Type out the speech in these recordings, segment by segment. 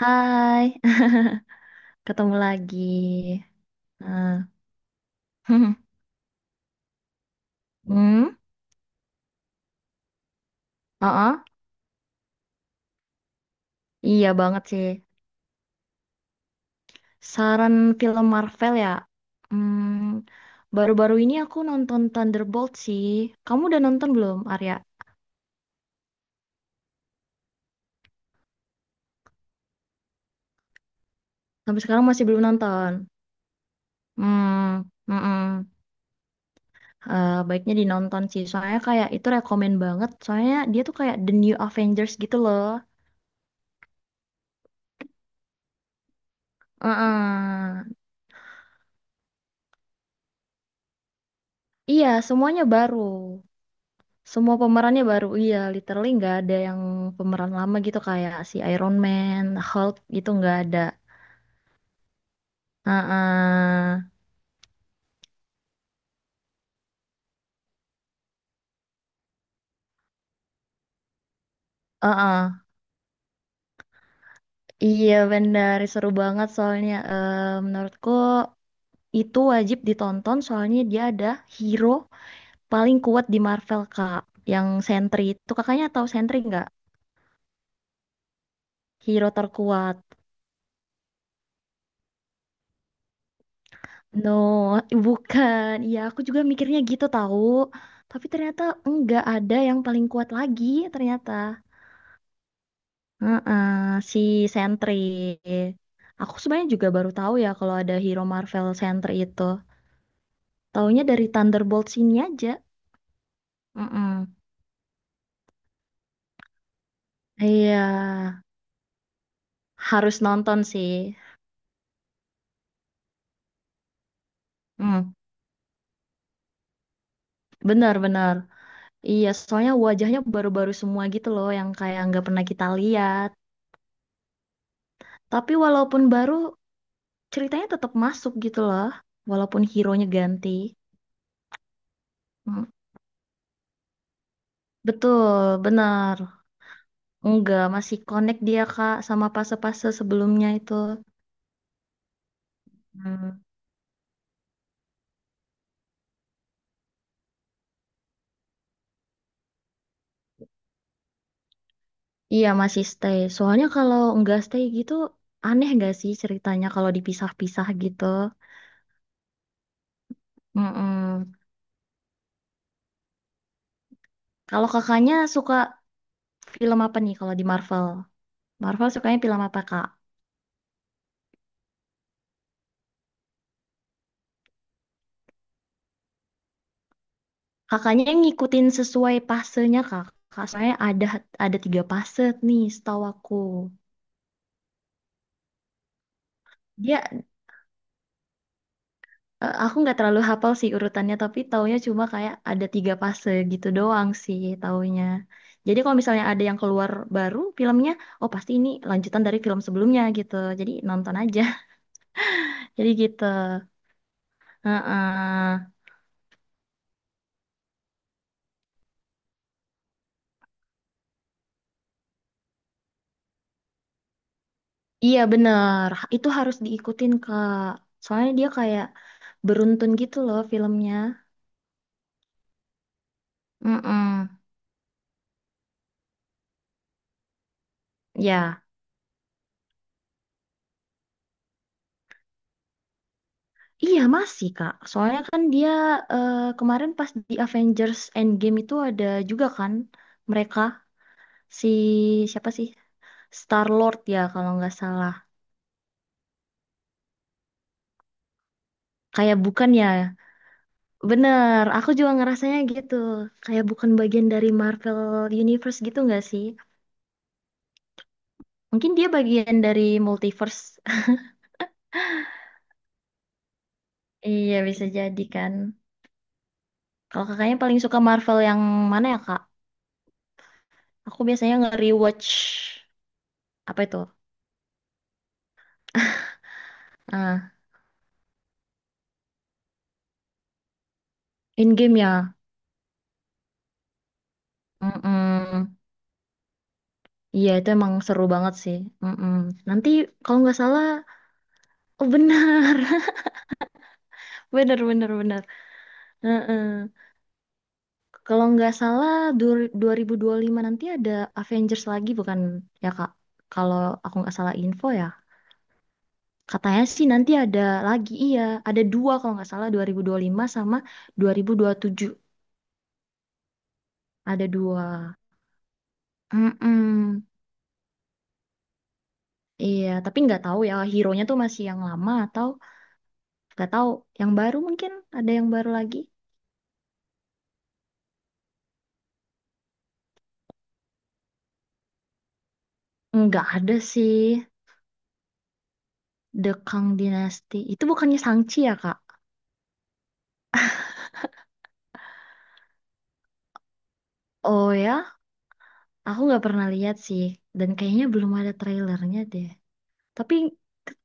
Hai, ketemu lagi. Nah, Hmm. uh Iya banget sih. Saran film Marvel ya. Hmm, Baru-baru ini aku nonton Thunderbolt sih. Kamu udah nonton belum, Arya? Sampai sekarang masih belum nonton. Hmm, mm-mm. Eh, baiknya dinonton sih. Soalnya kayak itu rekomen banget. Soalnya dia tuh kayak The New Avengers gitu loh. uh Iya, semuanya baru. Semua pemerannya baru, iya, literally nggak ada yang pemeran lama gitu kayak si Iron Man, Hulk gitu nggak ada. Heeh. Heeh. Iya benar, seru banget soalnya menurutku itu wajib ditonton soalnya dia ada hero paling kuat di Marvel Kak, yang Sentry itu kakaknya tahu Sentry nggak? Hero terkuat. No, bukan. Iya, aku juga mikirnya gitu tahu. Tapi ternyata enggak ada yang paling kuat lagi ternyata. Heeh, si Sentry. Aku sebenarnya juga baru tahu ya kalau ada hero Marvel Sentry itu. Taunya dari Thunderbolts ini aja. Mm-mm. Iya, harus nonton sih. Mm, benar-benar. Iya, soalnya wajahnya baru-baru semua gitu loh, yang kayak nggak pernah kita lihat. Tapi walaupun baru, ceritanya tetap masuk gitu loh. Walaupun hero-nya ganti. Mm, betul, benar. Enggak, masih connect dia, Kak, sama fase-fase sebelumnya itu. Hmm. Iya masih stay. Soalnya kalau nggak stay gitu aneh nggak sih ceritanya kalau dipisah-pisah gitu. Mm-mm. Kalau kakaknya suka film apa nih kalau di Marvel? Marvel sukanya film apa kak? Kakaknya yang ngikutin sesuai pasenya kak. Kak, soalnya ada tiga fase nih setahu aku. Dia Aku nggak terlalu hafal sih urutannya, tapi taunya cuma kayak ada tiga fase gitu doang sih taunya. Jadi kalau misalnya ada yang keluar baru filmnya, oh pasti ini lanjutan dari film sebelumnya gitu. Jadi nonton aja. Jadi gitu. Heeh. Iya bener, itu harus diikutin Kak. Soalnya dia kayak beruntun gitu loh filmnya. mm Ya, iya masih Kak. Soalnya kan dia kemarin pas di Avengers Endgame itu ada juga kan mereka. Si siapa sih, Star Lord ya kalau nggak salah. Kayak bukan ya, bener, aku juga ngerasanya gitu, kayak bukan bagian dari Marvel Universe gitu nggak sih? Mungkin dia bagian dari multiverse. Iya bisa jadi kan. Kalau kakaknya paling suka Marvel yang mana ya kak? Aku biasanya nge-rewatch apa itu, ah Endgame ya. Mm-mm. Iya itu emang seru banget sih. Mm-mm. Nanti kalau nggak salah. Oh benar, benar benar benar. Heeh. Kalau nggak salah dua dua ribu dua puluh lima nanti ada Avengers lagi bukan ya Kak? Kalau aku nggak salah info ya. Katanya sih nanti ada lagi, iya. Ada dua kalau nggak salah, dua dua ribu dua puluh lima sama dua dua ribu dua puluh tujuh. Ada dua. Mm-mm. Iya, tapi nggak tahu ya hero-nya tuh masih yang lama atau nggak tahu, yang baru mungkin, ada yang baru lagi. Nggak ada sih The Kang Dynasty. Itu bukannya Shang-Chi ya Kak? Oh ya, aku nggak pernah lihat sih, dan kayaknya belum ada trailernya deh. Tapi ke-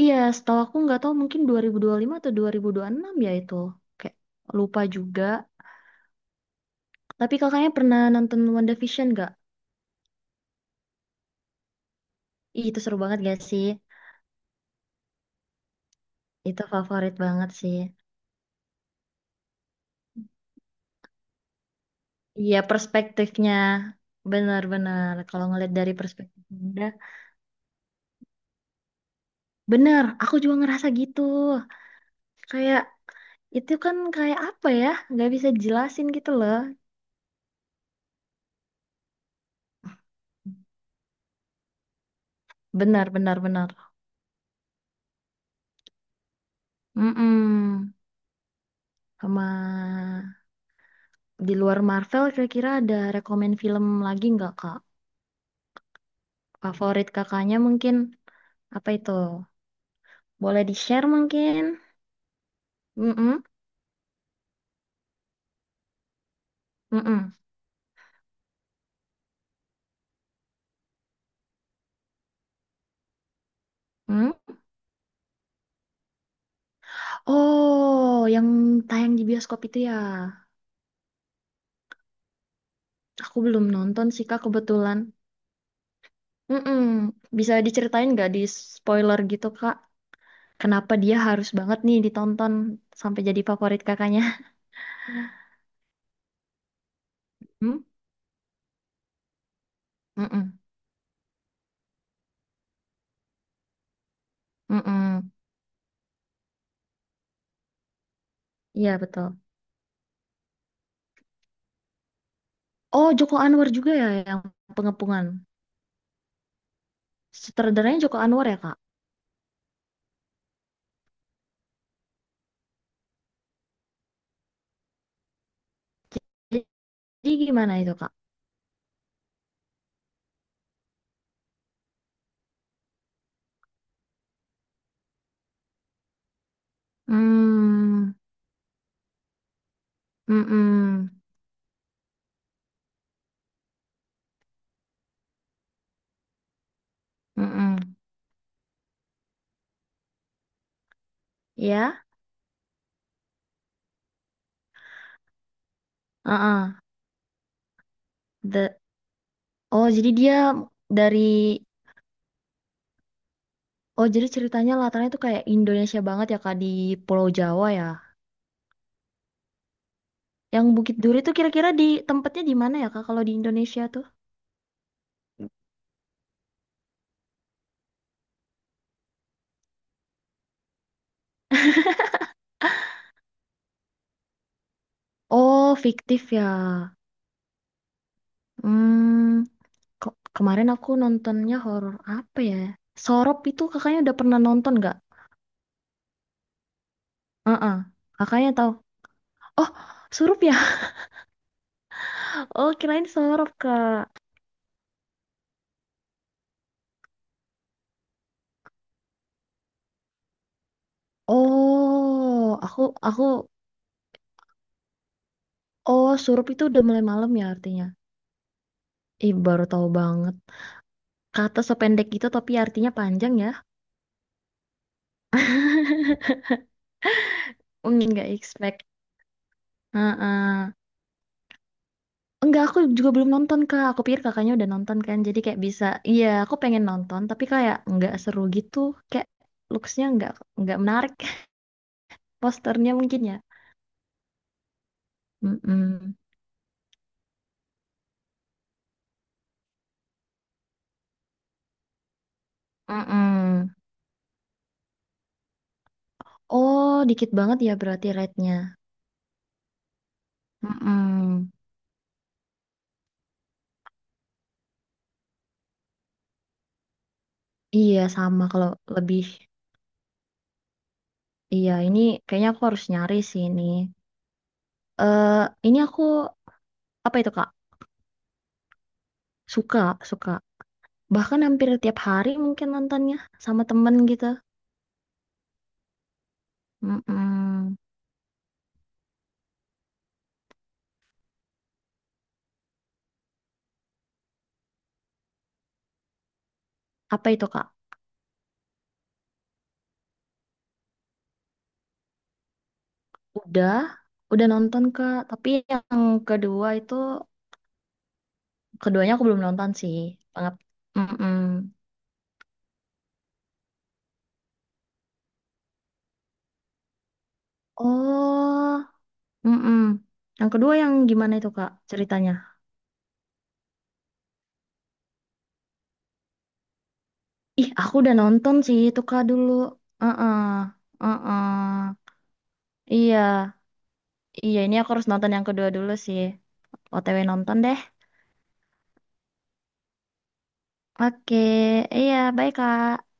iya, setahu aku nggak tahu mungkin 2025 atau 2026 ya itu. Kayak lupa juga. Tapi kakaknya pernah nonton WandaVision nggak? Ih, itu seru banget gak sih? Itu favorit banget sih. Iya, perspektifnya benar-benar. Kalau ngeliat dari perspektif muda, benar. Aku juga ngerasa gitu. Kayak itu kan kayak apa ya? Nggak bisa jelasin gitu loh. Benar, benar, benar. Mm-mm. Sama di luar Marvel kira-kira ada rekomen film lagi nggak Kak? Favorit kakaknya mungkin apa itu? Boleh di-share mungkin? Mm-mm, mm-mm, mm. Oh, yang tayang di bioskop itu ya. Aku belum nonton sih Kak kebetulan. Mm-mm. Bisa diceritain nggak di spoiler gitu Kak? Kenapa dia harus banget nih ditonton sampai jadi favorit kakaknya? Hmm? Mm-mm, mm-mm. Iya betul. Oh, Joko Anwar juga ya yang pengepungan. Sutradaranya Joko Anwar ya, Kak? Jadi gimana itu, Kak? Hmm, mm-mm, mm-mm. Ya, heeh. The- Oh, jadi dia dari Oh, jadi ceritanya latarnya tuh kayak Indonesia banget ya, Kak, di Pulau Jawa ya. Yang Bukit Duri tuh kira-kira di tempatnya di mana ya, Kak, kalau di Indonesia tuh? Oh, fiktif ya. Hmm, kemarin aku nontonnya horor apa ya? Sorop itu kakaknya udah pernah nonton nggak? Heeh. Kakaknya tahu. Oh, Surup ya? Oh, kirain sorop, Kak. Oh, aku oh surup itu udah mulai malam ya artinya. Ih, baru tahu banget. Kata sependek gitu tapi artinya panjang ya. Nggak expect. Heeh. Enggak, aku juga belum nonton Kak. Aku pikir kakaknya udah nonton kan. Jadi kayak bisa, iya aku pengen nonton tapi kayak nggak seru gitu. Kayak looks-nya nggak menarik. Posternya mungkin ya. Mm-mm. Mm-mm. Oh, dikit banget ya berarti rate-nya. Mm-mm. Iya sama, kalau lebih, iya ini kayaknya aku harus nyari sih ini. Eh, ini aku apa itu Kak? Suka, suka. Bahkan hampir tiap hari mungkin nontonnya sama temen gitu. Mm-mm. Apa itu Kak? Udah, udah nonton Kak. Tapi yang kedua itu, keduanya aku belum nonton sih. Pengap. Mm-mm. Oh, mm-mm. Yang kedua yang gimana itu Kak ceritanya? Ih, aku udah nonton sih itu Kak dulu. Heeh. Heeh. Iya, iya ini aku harus nonton yang kedua dulu sih. OTW nonton deh. Oke, iya, bye Kak.